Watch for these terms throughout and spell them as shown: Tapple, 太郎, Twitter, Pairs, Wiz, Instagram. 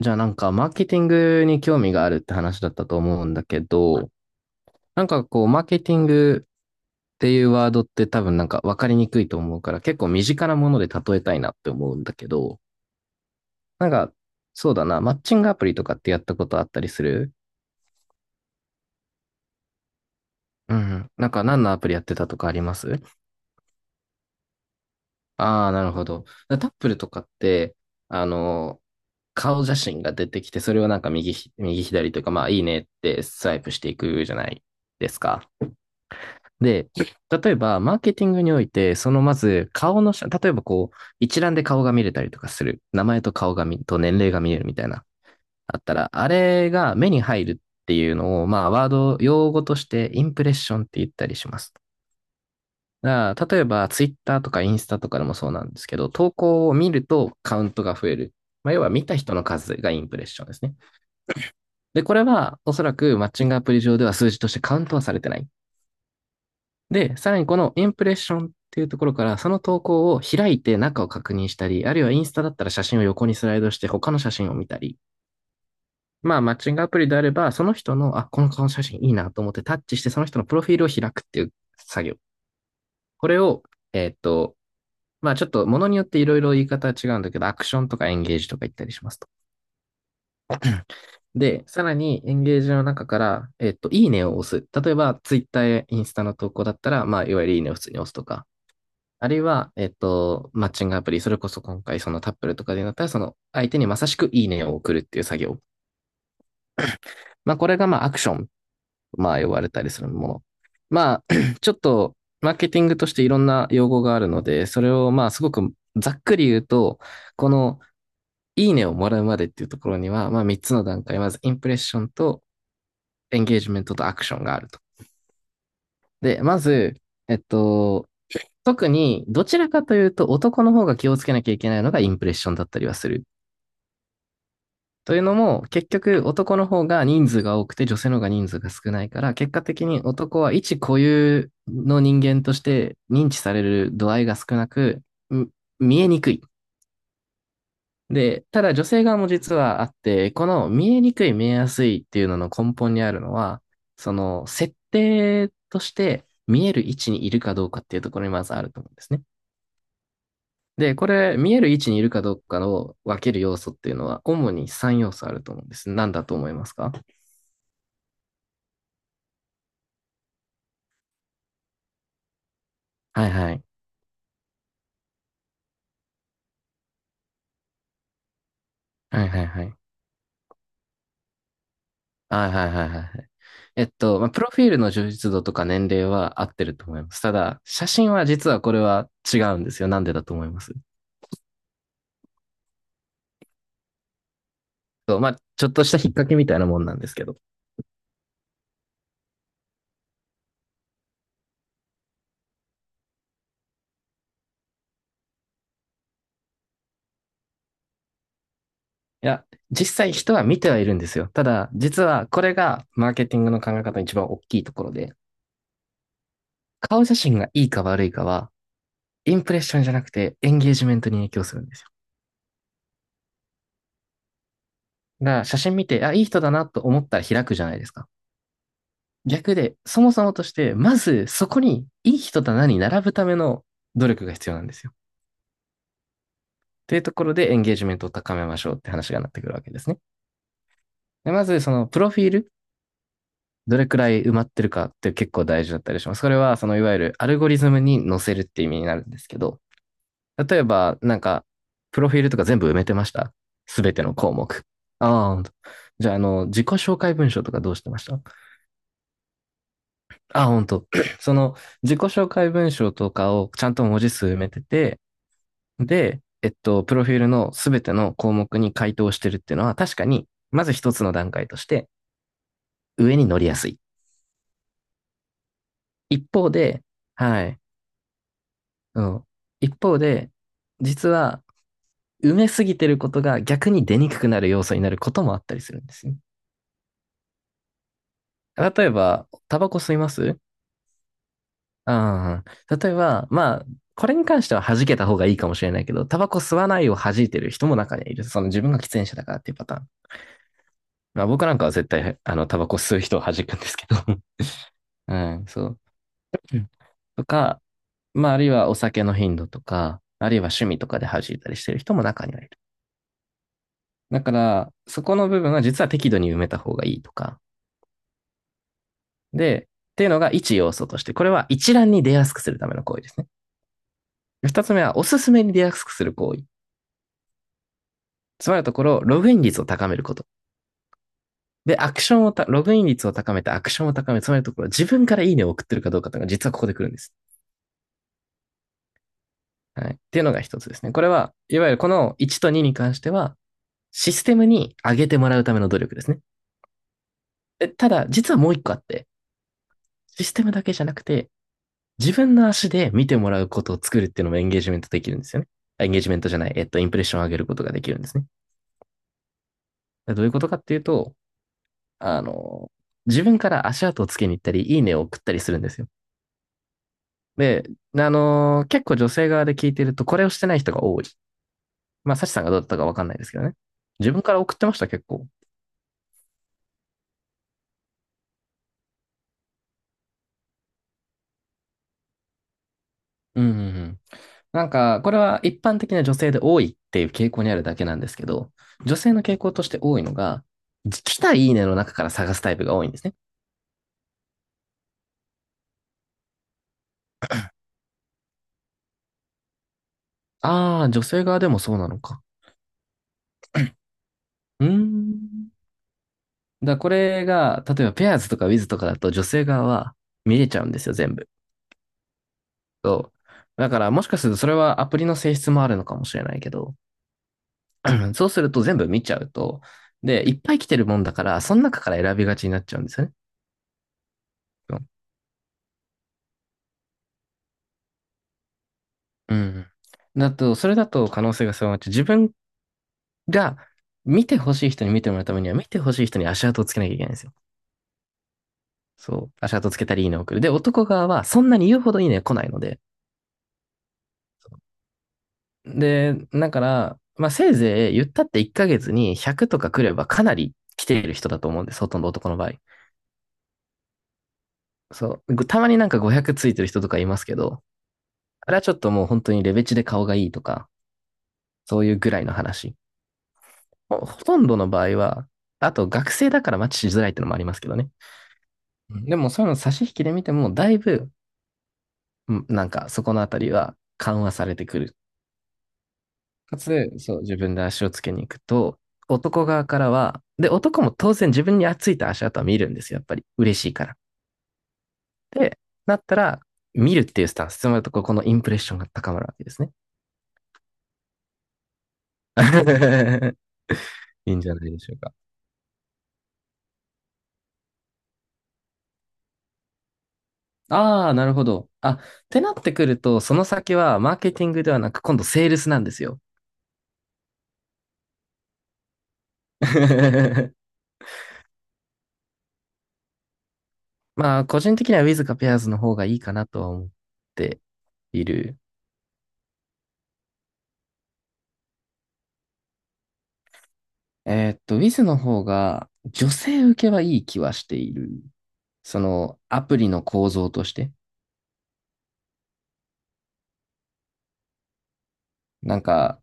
じゃあマーケティングに興味があるって話だったと思うんだけど、マーケティングっていうワードって多分分かりにくいと思うから結構身近なもので例えたいなって思うんだけど、なんかそうだな、マッチングアプリとかってやったことあったりする？うん。何のアプリやってたとかあります？ああー、なるほど。だタップルとかって、あの、顔写真が出てきて、それを右左というかまあいいねってスワイプしていくじゃないですか。で、例えば、マーケティングにおいて、そのまず、顔の写、例えばこう、一覧で顔が見れたりとかする。名前と年齢が見れるみたいな。あったら、あれが目に入るっていうのを、まあ、ワード、用語として、インプレッションって言ったりします。だから例えば、ツイッターとかインスタとかでもそうなんですけど、投稿を見るとカウントが増える。まあ、要は見た人の数がインプレッションですね。で、これはおそらくマッチングアプリ上では数字としてカウントはされてない。で、さらにこのインプレッションっていうところから、その投稿を開いて中を確認したり、あるいはインスタだったら写真を横にスライドして他の写真を見たり、まあマッチングアプリであれば、その人の、あ、この顔の写真いいなと思ってタッチしてその人のプロフィールを開くっていう作業。これを、えーっと、まあちょっと物によっていろいろ言い方は違うんだけど、アクションとかエンゲージとか言ったりしますと。で、さらにエンゲージの中から、いいねを押す。例えば、ツイッターやインスタの投稿だったら、まあ、いわゆるいいねを普通に押すとか、あるいは、マッチングアプリ、それこそ今回そのタップルとかでなったら、その相手にまさしくいいねを送るっていう作業。まあ、これがまあアクション、まあ、呼ばれたりするもの。まあ、ちょっと、マーケティングとしていろんな用語があるので、それをまあ、すごくざっくり言うと、この、いいねをもらうまでっていうところには、まあ、3つの段階。まず、インプレッションと、エンゲージメントとアクションがあると。で、まず、えっと、特に、どちらかというと、男の方が気をつけなきゃいけないのがインプレッションだったりはする。というのも、結局男の方が人数が多くて女性の方が人数が少ないから、結果的に男は一固有の人間として認知される度合いが少なく、見えにくい。で、ただ女性側も実はあって、この見えにくい、見えやすいっていうのの根本にあるのは、その設定として見える位置にいるかどうかっていうところにまずあると思うんですね。で、これ、見える位置にいるかどうかを分ける要素っていうのは、主に3要素あると思うんです。何だと思いますか？はいはい。はいはいはい。はいはいはいはいはい。まあ、プロフィールの充実度とか年齢は合ってると思います。ただ、写真は実はこれは違うんですよ。なんでだと思います？そう、まあ、ちょっとした引っ掛けみたいなもんなんですけど。いや、実際人は見てはいるんですよ。ただ、実はこれがマーケティングの考え方の一番大きいところで、顔写真がいいか悪いかは、インプレッションじゃなくてエンゲージメントに影響するんですよ。だから写真見て、あ、いい人だなと思ったら開くじゃないですか。逆で、そもそもとして、まずそこにいい人だなに並ぶための努力が必要なんですよ。というところでエンゲージメントを高めましょうって話がなってくるわけですね。でまず、そのプロフィール、どれくらい埋まってるかって結構大事だったりします。それは、そのいわゆるアルゴリズムに載せるって意味になるんですけど、例えば、プロフィールとか全部埋めてました？すべての項目。ああ、ほんと。じゃあ、自己紹介文章とかどうしてました？ああ、ほんと。その、自己紹介文章とかをちゃんと文字数埋めてて、で、プロフィールのすべての項目に回答してるっていうのは、確かに、まず一つの段階として、上に乗りやすい。一方で、はい、うん。一方で、実は、埋めすぎてることが逆に出にくくなる要素になることもあったりするんですね。例えば、タバコ吸います？ああ、例えば、まあ、これに関しては弾けた方がいいかもしれないけど、タバコ吸わないを弾いてる人も中にはいる。その自分が喫煙者だからっていうパターン。まあ僕なんかは絶対、タバコ吸う人を弾くんですけど。うん、そう。うん、とか、まあ、あるいはお酒の頻度とか、あるいは趣味とかで弾いたりしてる人も中にはいる。だから、そこの部分は実は適度に埋めた方がいいとか。で、っていうのが一要素として、これは一覧に出やすくするための行為ですね。二つ目は、おすすめに出やすくする行為。つまりのところ、ログイン率を高めること。で、アクションをた、ログイン率を高めて、アクションを高める。つまりのところ、自分からいいねを送ってるかどうかというのが実はここで来るんです。はい。っていうのが一つですね。これは、いわゆるこの1と2に関しては、システムに上げてもらうための努力ですね。え、ただ、実はもう一個あって、システムだけじゃなくて、自分の足で見てもらうことを作るっていうのもエンゲージメントできるんですよね。エンゲージメントじゃない、えっと、インプレッションを上げることができるんですね。どういうことかっていうと、あの、自分から足跡をつけに行ったり、いいねを送ったりするんですよ。で、結構女性側で聞いてると、これをしてない人が多い。まあ、サチさんがどうだったかわかんないですけどね。自分から送ってました、結構？うん、うん、うん。これは一般的な女性で多いっていう傾向にあるだけなんですけど、女性の傾向として多いのが、来たいいねの中から探すタイプが多いんですね。ああ、女性側でもそうなのか。うーん。だからこれが、例えばペアーズとかウィズとかだと女性側は見れちゃうんですよ、全部。そう。だからもしかするとそれはアプリの性質もあるのかもしれないけど、そうすると全部見ちゃうと、で、いっぱい来てるもんだから、その中から選びがちになっちゃうんですよね。うん。だと、それだと可能性が狭まっちゃう。自分が見てほしい人に見てもらうためには、見てほしい人に足跡をつけなきゃいけないんですよ。そう。足跡つけたりいいねを送る。で、男側はそんなに言うほどいいね来ないので。で、だから、まあ、せいぜい言ったって1ヶ月に100とか来ればかなり来ている人だと思うんです。ほとんど男の場合。そう。たまになんか500ついてる人とかいますけど、あれはちょっともう本当にレベチで顔がいいとか、そういうぐらいの話。ほとんどの場合は、あと学生だからマッチしづらいってのもありますけどね。うん、でもそういうの差し引きで見ても、だいぶ、うん、なんかそこのあたりは緩和されてくる。かつ、そう、自分で足をつけに行くと、男側からは、で、男も当然自分についた足跡は見るんですよ、やっぱり。嬉しいから。で、なったら、見るっていうスタンス、つまりとここのインプレッションが高まるわけですね。いいんじゃないでしょうか。ああ、なるほど。あ、ってなってくると、その先はマーケティングではなく、今度セールスなんですよ。まあ、個人的には Wiz か Pairs の方がいいかなとは思っている。Wiz の方が女性受けはいい気はしている。そのアプリの構造として。なんか、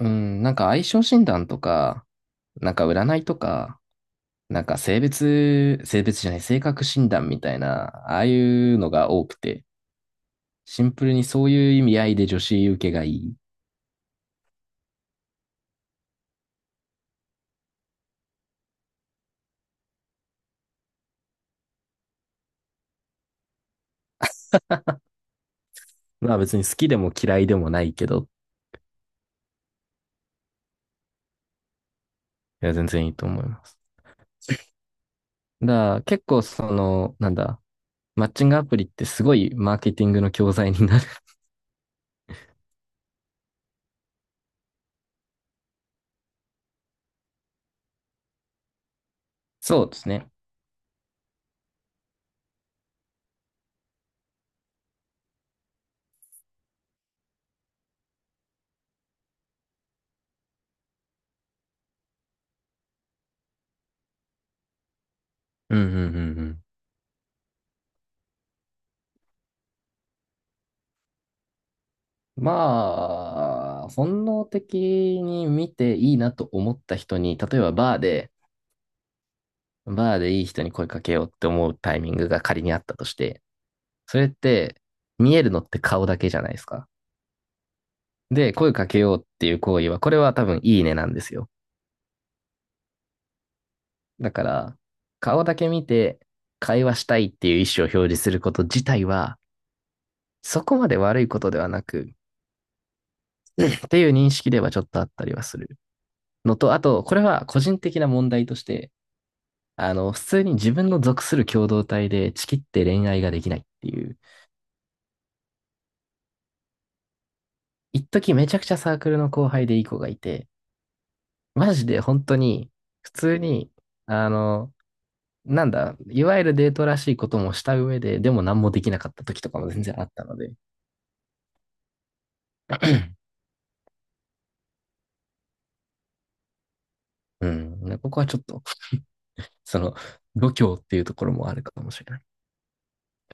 うん、なんか相性診断とか、なんか占いとか、なんか性別、性別じゃない、性格診断みたいな、ああいうのが多くて、シンプルにそういう意味合いで女子受けがいい。まあ別に好きでも嫌いでもないけど、いや全然いいと思います。だから結構その、なんだ、マッチングアプリってすごいマーケティングの教材になる。そうですね。うんうんうんうん。まあ、本能的に見ていいなと思った人に、例えばバーで、バーでいい人に声かけようって思うタイミングが仮にあったとして、それって見えるのって顔だけじゃないですか。で、声かけようっていう行為は、これは多分いいねなんですよ。だから、顔だけ見て会話したいっていう意思を表示すること自体は、そこまで悪いことではなく、っていう認識ではちょっとあったりはするのと、あと、これは個人的な問題として、普通に自分の属する共同体でちきって恋愛ができないっていう、一時めちゃくちゃサークルの後輩でいい子がいて、マジで本当に、普通に、あの、なんだ、いわゆるデートらしいこともした上で、でも何もできなかった時とかも全然あったので、うん、ここはちょっと、その、度胸っていうところもあるかもしれない。